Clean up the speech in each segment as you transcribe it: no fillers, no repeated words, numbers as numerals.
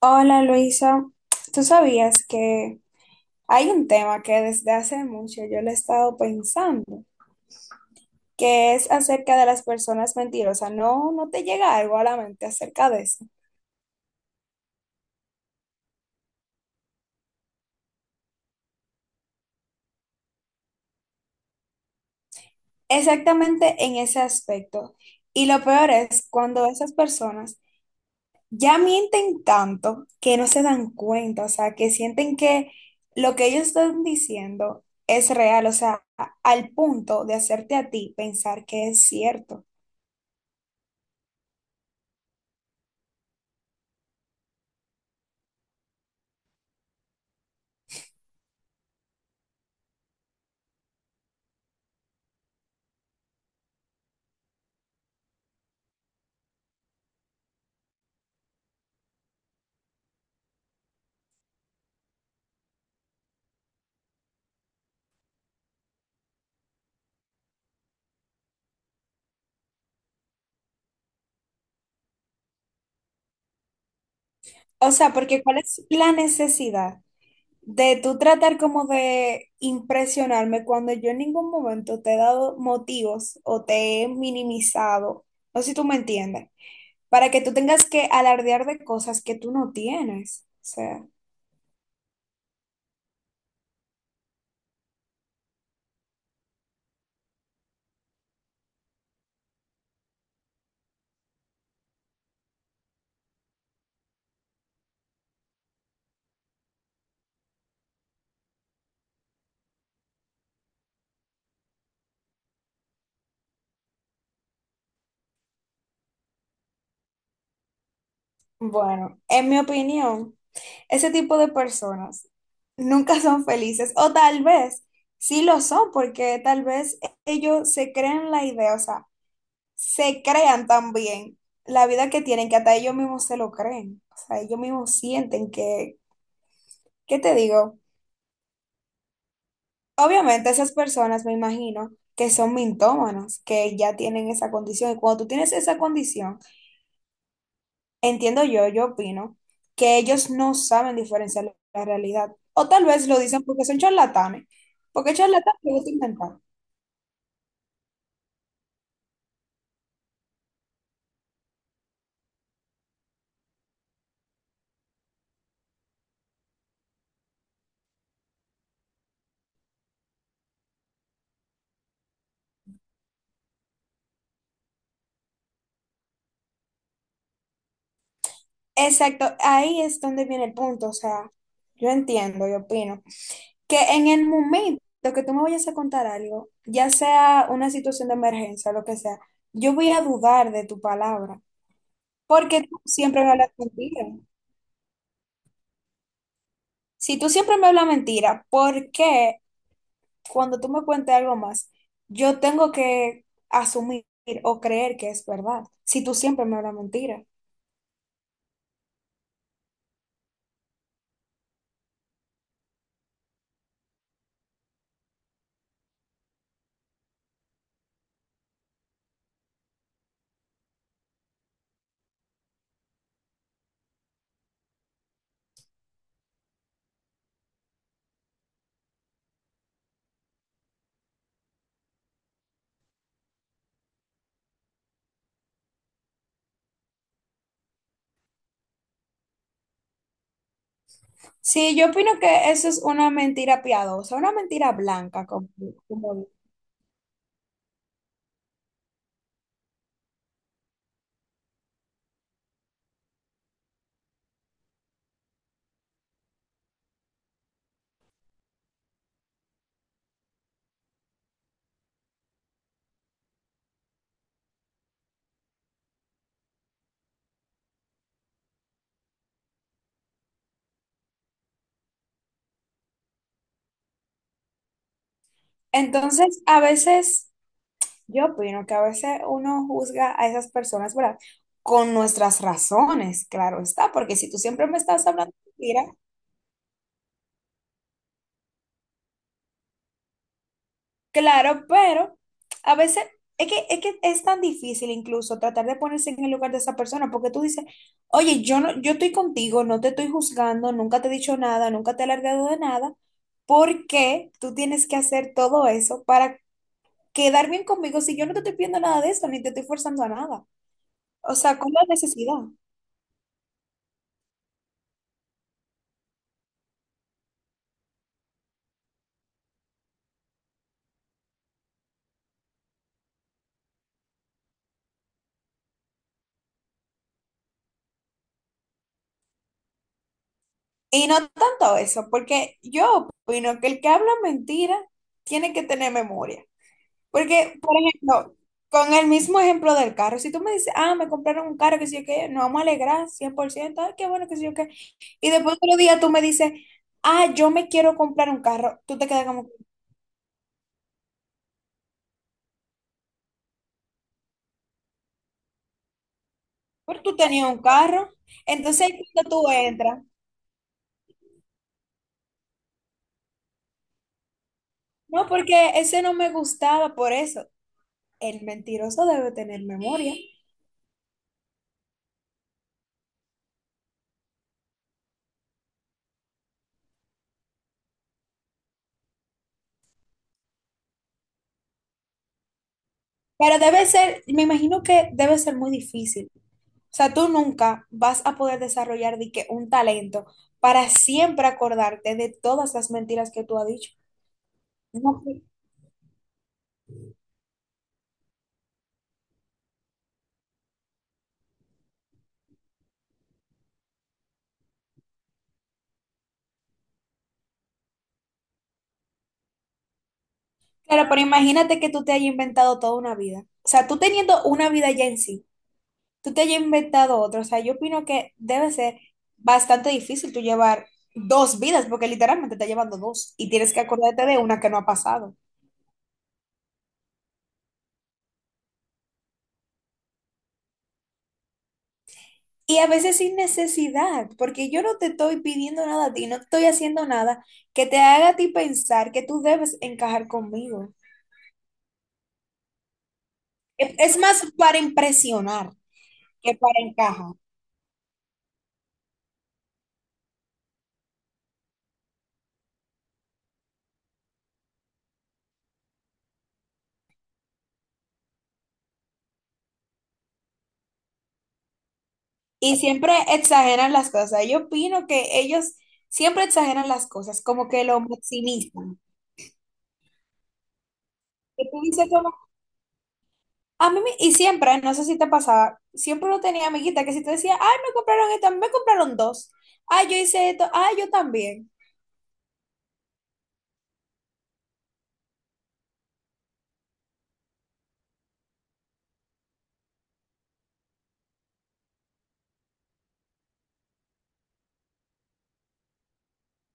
Hola Luisa, ¿tú sabías que hay un tema que desde hace mucho yo lo he estado pensando, que es acerca de las personas mentirosas? ¿No te llega algo a la mente acerca de eso? Exactamente en ese aspecto. Y lo peor es cuando esas personas ya mienten tanto que no se dan cuenta, o sea, que sienten que lo que ellos están diciendo es real, o sea, al punto de hacerte a ti pensar que es cierto. O sea, porque ¿cuál es la necesidad de tú tratar como de impresionarme cuando yo en ningún momento te he dado motivos o te he minimizado, no sé si tú me entiendes, para que tú tengas que alardear de cosas que tú no tienes? O sea, bueno, en mi opinión, ese tipo de personas nunca son felices, o tal vez sí lo son porque tal vez ellos se creen la idea, o sea, se crean también la vida que tienen, que hasta ellos mismos se lo creen. O sea, ellos mismos sienten que, ¿qué te digo? Obviamente esas personas, me imagino, que son mintómanos, que ya tienen esa condición. Y cuando tú tienes esa condición, entiendo yo, yo opino, que ellos no saben diferenciar la realidad. O tal vez lo dicen porque son charlatanes. Porque charlatanes les gusta inventar. Exacto, ahí es donde viene el punto. O sea, yo entiendo, yo opino que en el momento que tú me vayas a contar algo, ya sea una situación de emergencia, lo que sea, yo voy a dudar de tu palabra, porque tú siempre me hablas mentira. Si tú siempre me hablas mentira, ¿por qué cuando tú me cuentes algo más, yo tengo que asumir o creer que es verdad? Si tú siempre me hablas mentira. Sí, yo opino que eso es una mentira piadosa, una mentira blanca, como, como- entonces, a veces yo opino que a veces uno juzga a esas personas, ¿verdad? Con nuestras razones, claro está, porque si tú siempre me estás hablando mira, claro, pero a veces es que es tan difícil incluso tratar de ponerse en el lugar de esa persona, porque tú dices, oye, yo estoy contigo, no te estoy juzgando, nunca te he dicho nada, nunca te he alargado de nada, ¿por qué tú tienes que hacer todo eso para quedar bien conmigo si yo no te estoy pidiendo nada de eso, ni te estoy forzando a nada? O sea, ¿cuál es la necesidad? Y no tanto eso, porque yo opino que el que habla mentira tiene que tener memoria. Porque, por ejemplo, con el mismo ejemplo del carro, si tú me dices, ah, me compraron un carro, que sé yo qué, nos vamos a alegrar 100%, ay, qué bueno, que sé yo qué. Y después otro día tú me dices, ah, yo me quiero comprar un carro, tú te quedas como, pero tú tenías un carro. Entonces, ahí cuando tú entras, no, porque ese no me gustaba, por eso. El mentiroso debe tener memoria. Pero debe ser, me imagino que debe ser muy difícil. O sea, tú nunca vas a poder desarrollar de que un talento para siempre acordarte de todas las mentiras que tú has dicho. No, claro, pero imagínate que tú te hayas inventado toda una vida. O sea, tú teniendo una vida ya en sí, tú te hayas inventado otra. O sea, yo opino que debe ser bastante difícil tú llevar dos vidas, porque literalmente estás llevando dos y tienes que acordarte de una que no ha pasado. Y a veces sin necesidad, porque yo no te estoy pidiendo nada a ti, no te estoy haciendo nada que te haga a ti pensar que tú debes encajar conmigo. Es más para impresionar que para encajar. Y siempre exageran las cosas. Yo opino que ellos siempre exageran las cosas, como que lo maximizan. Que tú dices como, a mí, y siempre, no sé si te pasaba, siempre lo tenía amiguita que si te decía, ay, me compraron esto, a mí me compraron dos. Ay, yo hice esto, ay, yo también.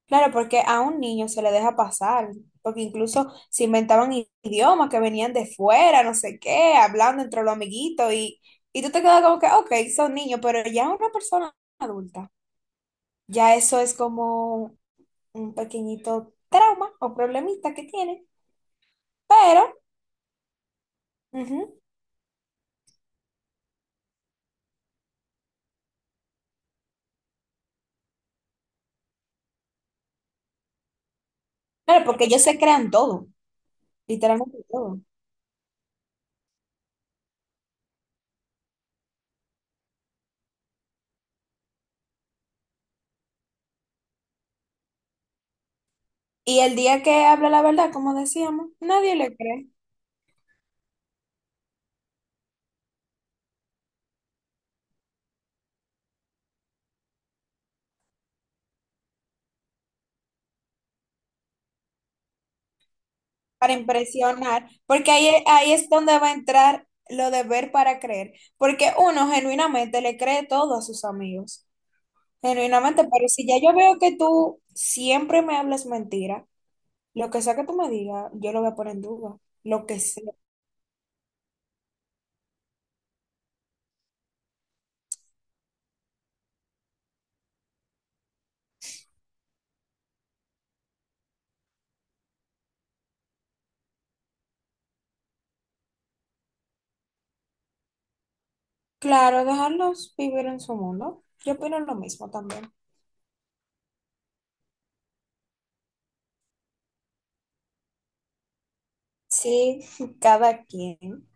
Claro, porque a un niño se le deja pasar, porque incluso se inventaban idiomas que venían de fuera, no sé qué, hablando entre los amiguitos y tú te quedas como que, ok, son niños, pero ya una persona adulta, ya eso es como un pequeñito trauma o problemita que tiene, pero, ujú, claro, porque ellos se crean todo, literalmente todo. Y el día que habla la verdad, como decíamos, nadie le cree. Para impresionar, porque ahí, ahí es donde va a entrar lo de ver para creer, porque uno genuinamente le cree todo a sus amigos, genuinamente, pero si ya yo veo que tú siempre me hablas mentira, lo que sea que tú me digas, yo lo voy a poner en duda, lo que sea. Claro, dejarlos vivir en su mundo, yo opino lo mismo también. Sí, cada quien.